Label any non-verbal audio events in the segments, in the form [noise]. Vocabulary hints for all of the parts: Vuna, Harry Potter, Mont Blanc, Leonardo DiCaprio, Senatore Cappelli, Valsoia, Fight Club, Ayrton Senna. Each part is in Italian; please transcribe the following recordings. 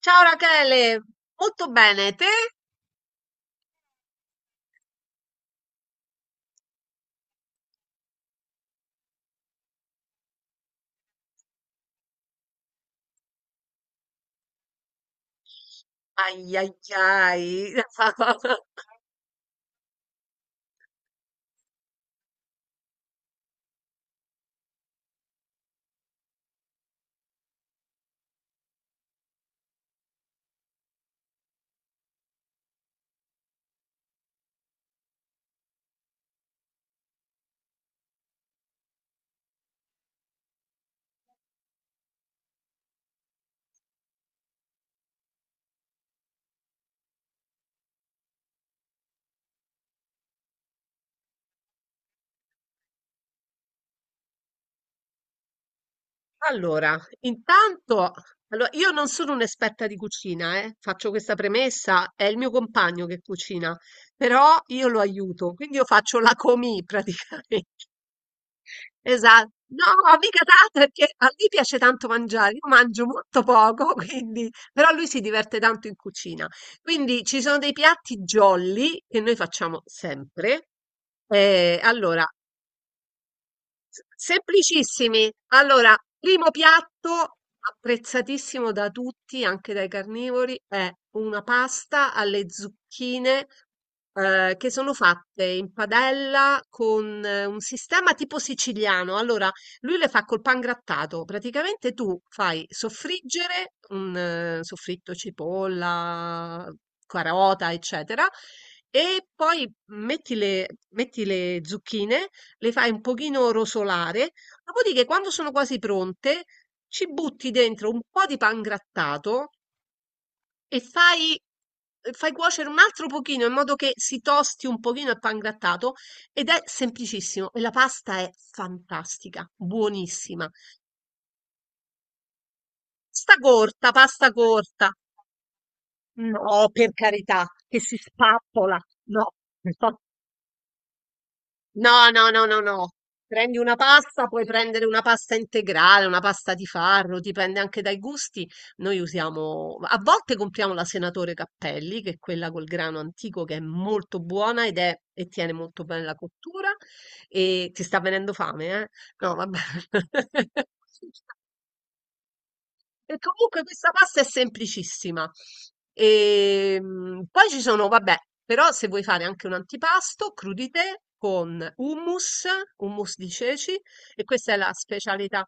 Ciao Rachele, molto bene, te? Ai ai ai. [laughs] Allora, intanto, allora, io non sono un'esperta di cucina, faccio questa premessa, è il mio compagno che cucina, però io lo aiuto, quindi io faccio la comì praticamente. Esatto. No, mica tanto perché a lui piace tanto mangiare, io mangio molto poco, [laughs] quindi, però lui si diverte tanto in cucina. Quindi ci sono dei piatti jolly che noi facciamo sempre. Allora, S semplicissimi. Allora, primo piatto apprezzatissimo da tutti, anche dai carnivori, è una pasta alle zucchine che sono fatte in padella con un sistema tipo siciliano. Allora, lui le fa col pan grattato. Praticamente tu fai soffriggere un soffritto cipolla, carota, eccetera, e poi metti le zucchine, le fai un pochino rosolare, dopodiché quando sono quasi pronte ci butti dentro un po' di pan grattato e fai cuocere un altro pochino in modo che si tosti un pochino il pan grattato, ed è semplicissimo e la pasta è fantastica, buonissima. Sta corta, pasta corta. No, per carità, che si spappola. No, no, no, no, no. Prendi una pasta, puoi prendere una pasta integrale, una pasta di farro, dipende anche dai gusti. Noi usiamo, a volte compriamo la Senatore Cappelli, che è quella col grano antico che è molto buona ed è, e tiene molto bene la cottura. E ti sta venendo fame, eh? No, vabbè. [laughs] E comunque questa pasta è semplicissima. E, poi ci sono, vabbè, però se vuoi fare anche un antipasto, crudité con hummus, hummus di ceci, e questa è la specialità.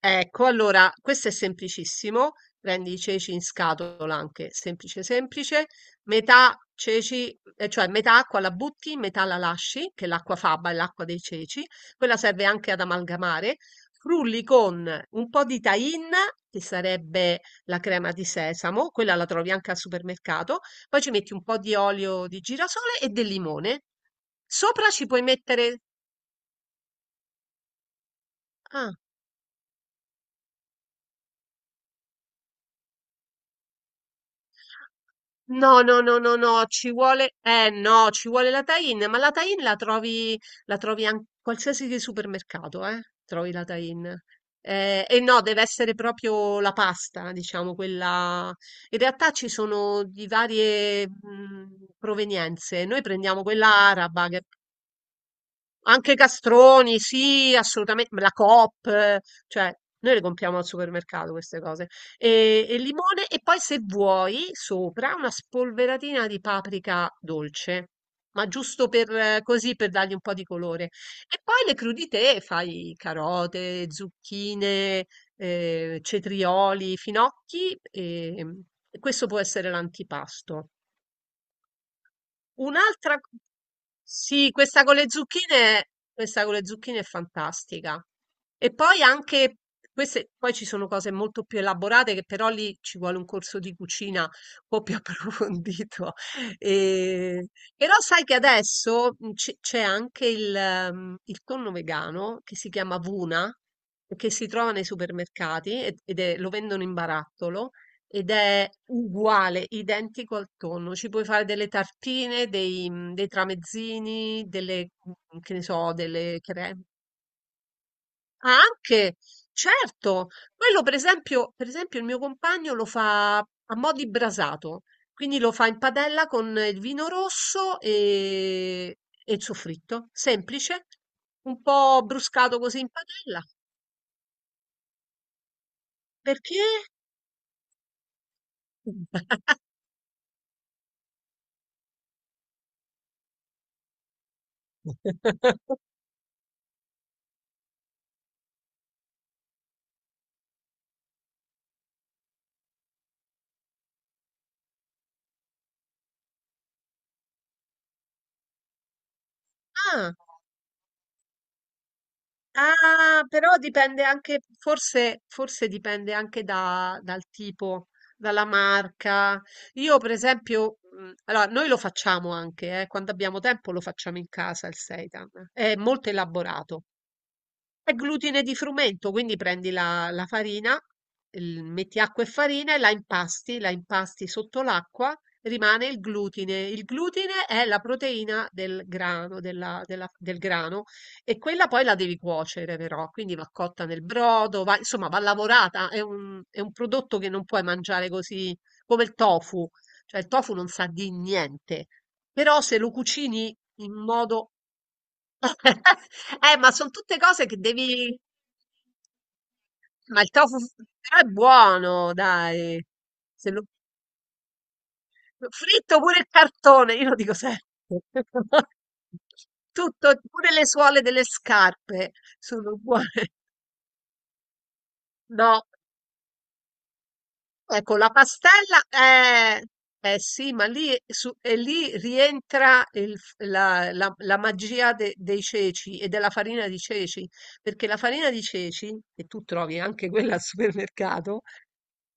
Ecco, allora questo è semplicissimo. Prendi i ceci in scatola anche, semplice semplice, metà ceci, cioè metà acqua la butti, metà la lasci, che l'acqua faba è l'acqua dei ceci, quella serve anche ad amalgamare. Frulli con un po' di tahine, che sarebbe la crema di sesamo, quella la trovi anche al supermercato, poi ci metti un po' di olio di girasole e del limone. Sopra ci puoi mettere... Ah. No, ci vuole, no, ci vuole la tie-in, ma la trovi an- qualsiasi di supermercato, trovi la tie-in. E no, deve essere proprio la pasta, diciamo, quella... In realtà ci sono di varie provenienze, noi prendiamo quella araba, che anche castroni, sì, assolutamen la Coop, cioè noi le compriamo al supermercato queste cose. E limone e poi se vuoi sopra una spolveratina di paprika dolce, ma giusto per così per dargli un po' di colore. E poi le crudité, fai carote, zucchine, cetrioli, finocchi e questo può essere l'antipasto. Un'altra, co- sì, questa con le zucchine è fantastica. E poi anche queste, poi ci sono cose molto più elaborate che però lì ci vuole un corso di cucina un po' più [laughs] approfondito. E- però sai che adesso c'è anche il tonno vegano che si chiama Vuna, che si trova nei supermercati ed è- lo vendono in barattolo. Ed è uguale, identico al tonno. Ci puoi fare delle tartine, dei tramezzini, che ne so, delle creme. Ah, anche, certo, quello per esempio il mio compagno lo fa a mo' di brasato, quindi lo fa in padella con il vino rosso e il soffritto, semplice, un po' bruscato così in padella. Perché? [laughs] Ah. Ah, però dipende anche, forse, forse dipende anche da- dal tipo, dalla marca. Io, per esempio, allora, noi lo facciamo anche, quando abbiamo tempo lo facciamo in casa il seitan. È molto elaborato. È glutine di frumento, quindi prendi la farina, il- metti acqua e farina e la impasti sotto l'acqua, rimane il glutine. Il glutine è la proteina del grano, del grano e quella poi la devi cuocere però, quindi va cotta nel brodo, va- insomma va lavorata, è è un prodotto che non puoi mangiare così come il tofu, cioè il tofu non sa di niente, però se lo cucini in modo... [laughs] ma sono tutte cose che devi... Ma il tofu f- però è buono, dai. Se lo- Fritto pure il cartone, io lo dico sempre. [laughs] Tutto, pure le suole delle scarpe sono buone. No, ecco, la pastella è... Eh sì, ma lì, lì rientra il f- la, la- la magia dei ceci e della farina di ceci, perché la farina di ceci, che tu trovi anche quella al supermercato,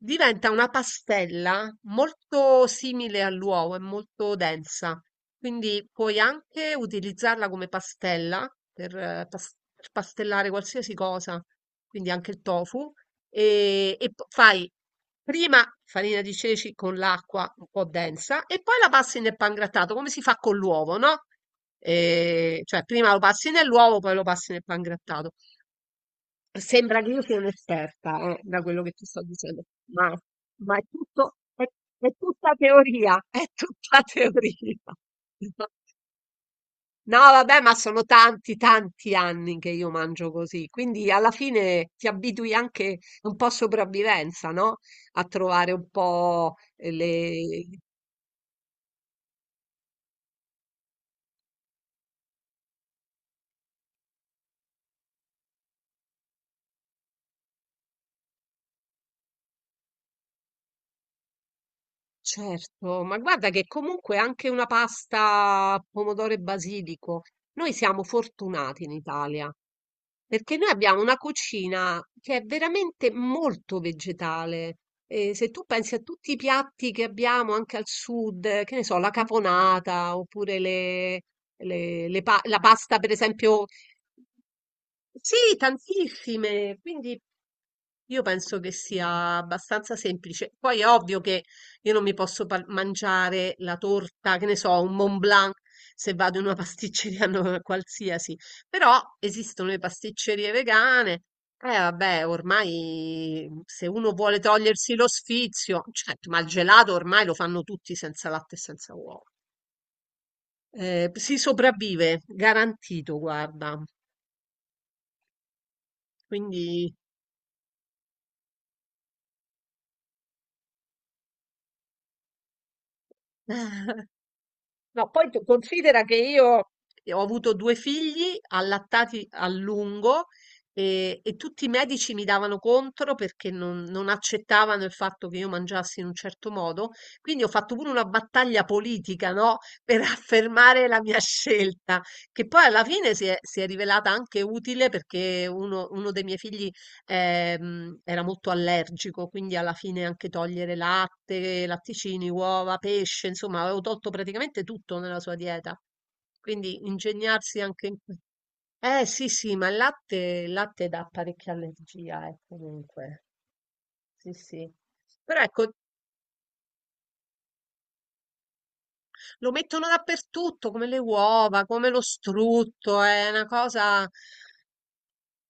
diventa una pastella molto simile all'uovo, è molto densa, quindi puoi anche utilizzarla come pastella per, per pastellare qualsiasi cosa, quindi anche il tofu, e, fai prima farina di ceci con l'acqua un po' densa e poi la passi nel pangrattato, come si fa con l'uovo, no? Cioè prima lo passi nell'uovo, poi lo passi nel pangrattato. Sembra che io sia un'esperta, da quello che ti sto dicendo, ma ma è tutta teoria, è tutta [laughs] teoria. No, vabbè, ma sono tanti, tanti anni che io mangio così, quindi alla fine ti abitui anche un po' a sopravvivenza, no? A trovare un po' le... Certo, ma guarda che comunque anche una pasta pomodoro e basilico, noi siamo fortunati in Italia. Perché noi abbiamo una cucina che è veramente molto vegetale. E se tu pensi a tutti i piatti che abbiamo anche al sud, che ne so, la caponata oppure la pasta, per esempio, sì, tantissime. Quindi io penso che sia abbastanza semplice. Poi è ovvio che io non mi posso par- mangiare la torta, che ne so, un Mont Blanc se vado in una pasticceria [laughs] no- qualsiasi, però esistono le pasticcerie vegane. Eh vabbè, ormai mhmm, se uno vuole togliersi lo sfizio, certo, ma il gelato ormai lo fanno tutti senza latte e senza uova. Si sopravvive, garantito, guarda. Quindi [laughs] no, poi tu considera che io ho avuto due figli allattati a lungo e tutti i medici mi davano contro perché non accettavano il fatto che io mangiassi in un certo modo. Quindi ho fatto pure una battaglia politica, no? [laughs] Per affermare la mia scelta, che poi alla fine si è rivelata anche utile perché uno dei miei figli era molto allergico, quindi alla fine anche togliere latte, latticini, uova, pesce, insomma, avevo tolto praticamente tutto nella sua dieta. Quindi ingegnarsi anche in questo. Eh sì, sì, ma il latte dà parecchia allergia, comunque. Sì, sì. Però ecco, lo mettono dappertutto, come le uova, come lo strutto, è una cosa.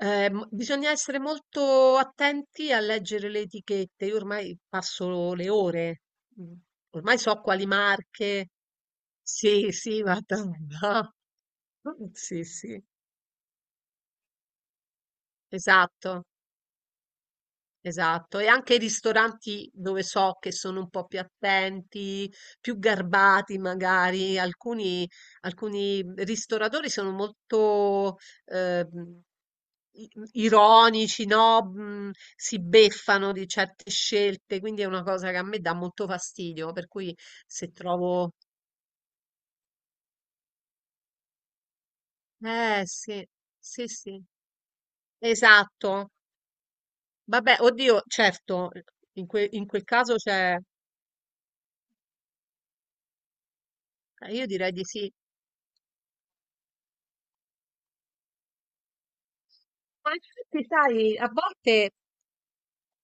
Bisogna essere molto attenti a leggere le etichette. Io ormai passo le ore. Mm. Ormai so quali marche. Sì, sì, guarda, no. [laughs] Sì, sì, esatto. Esatto, e anche i ristoranti dove so che sono un po' più attenti, più garbati magari, alcuni, alcuni ristoratori sono molto eh, i- ironici, no? Si beffano di certe scelte, quindi è una cosa che a me dà molto fastidio, per cui se trovo... Eh sì, sì, sì, esatto. Vabbè, oddio, certo, in quel caso c'è... io direi di sì. Ma infatti, sai,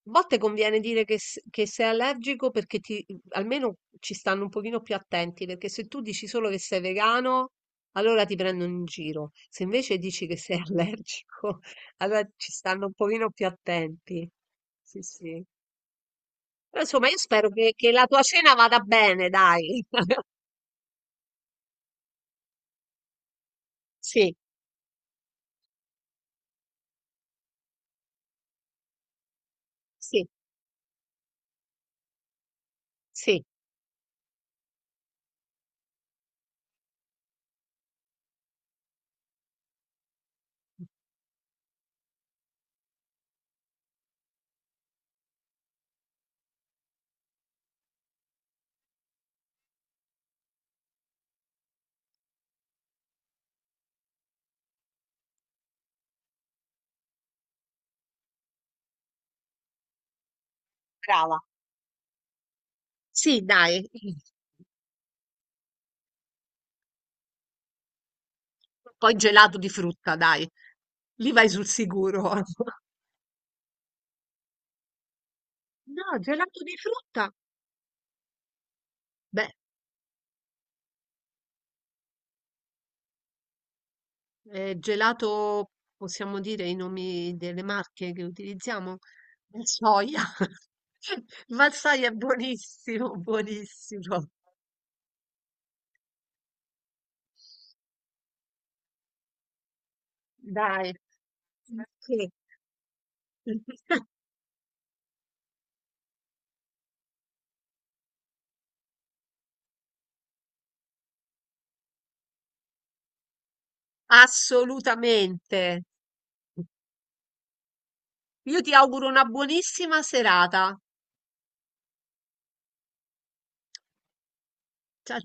a volte conviene dire che, s- che sei allergico perché ti, almeno ci stanno un pochino più attenti, perché se tu dici solo che sei vegano, allora ti prendono in giro. Se invece dici che sei [laughs] allergico, allora ci stanno un pochino più attenti. Sì, sì. Però, insomma, io spero che la tua cena vada bene, dai. [laughs] Sì, sì, sì, brava. Sì, dai. Poi gelato di frutta, dai. Lì vai sul sicuro. [laughs] No, gelato di frutta. Beh, gelato, possiamo dire i nomi delle marche che utilizziamo? Valsoia. [laughs] Valsoia è buonissimo, buonissimo. Dai. Sì. [laughs] Assolutamente. Io ti auguro una buonissima serata. Ciao.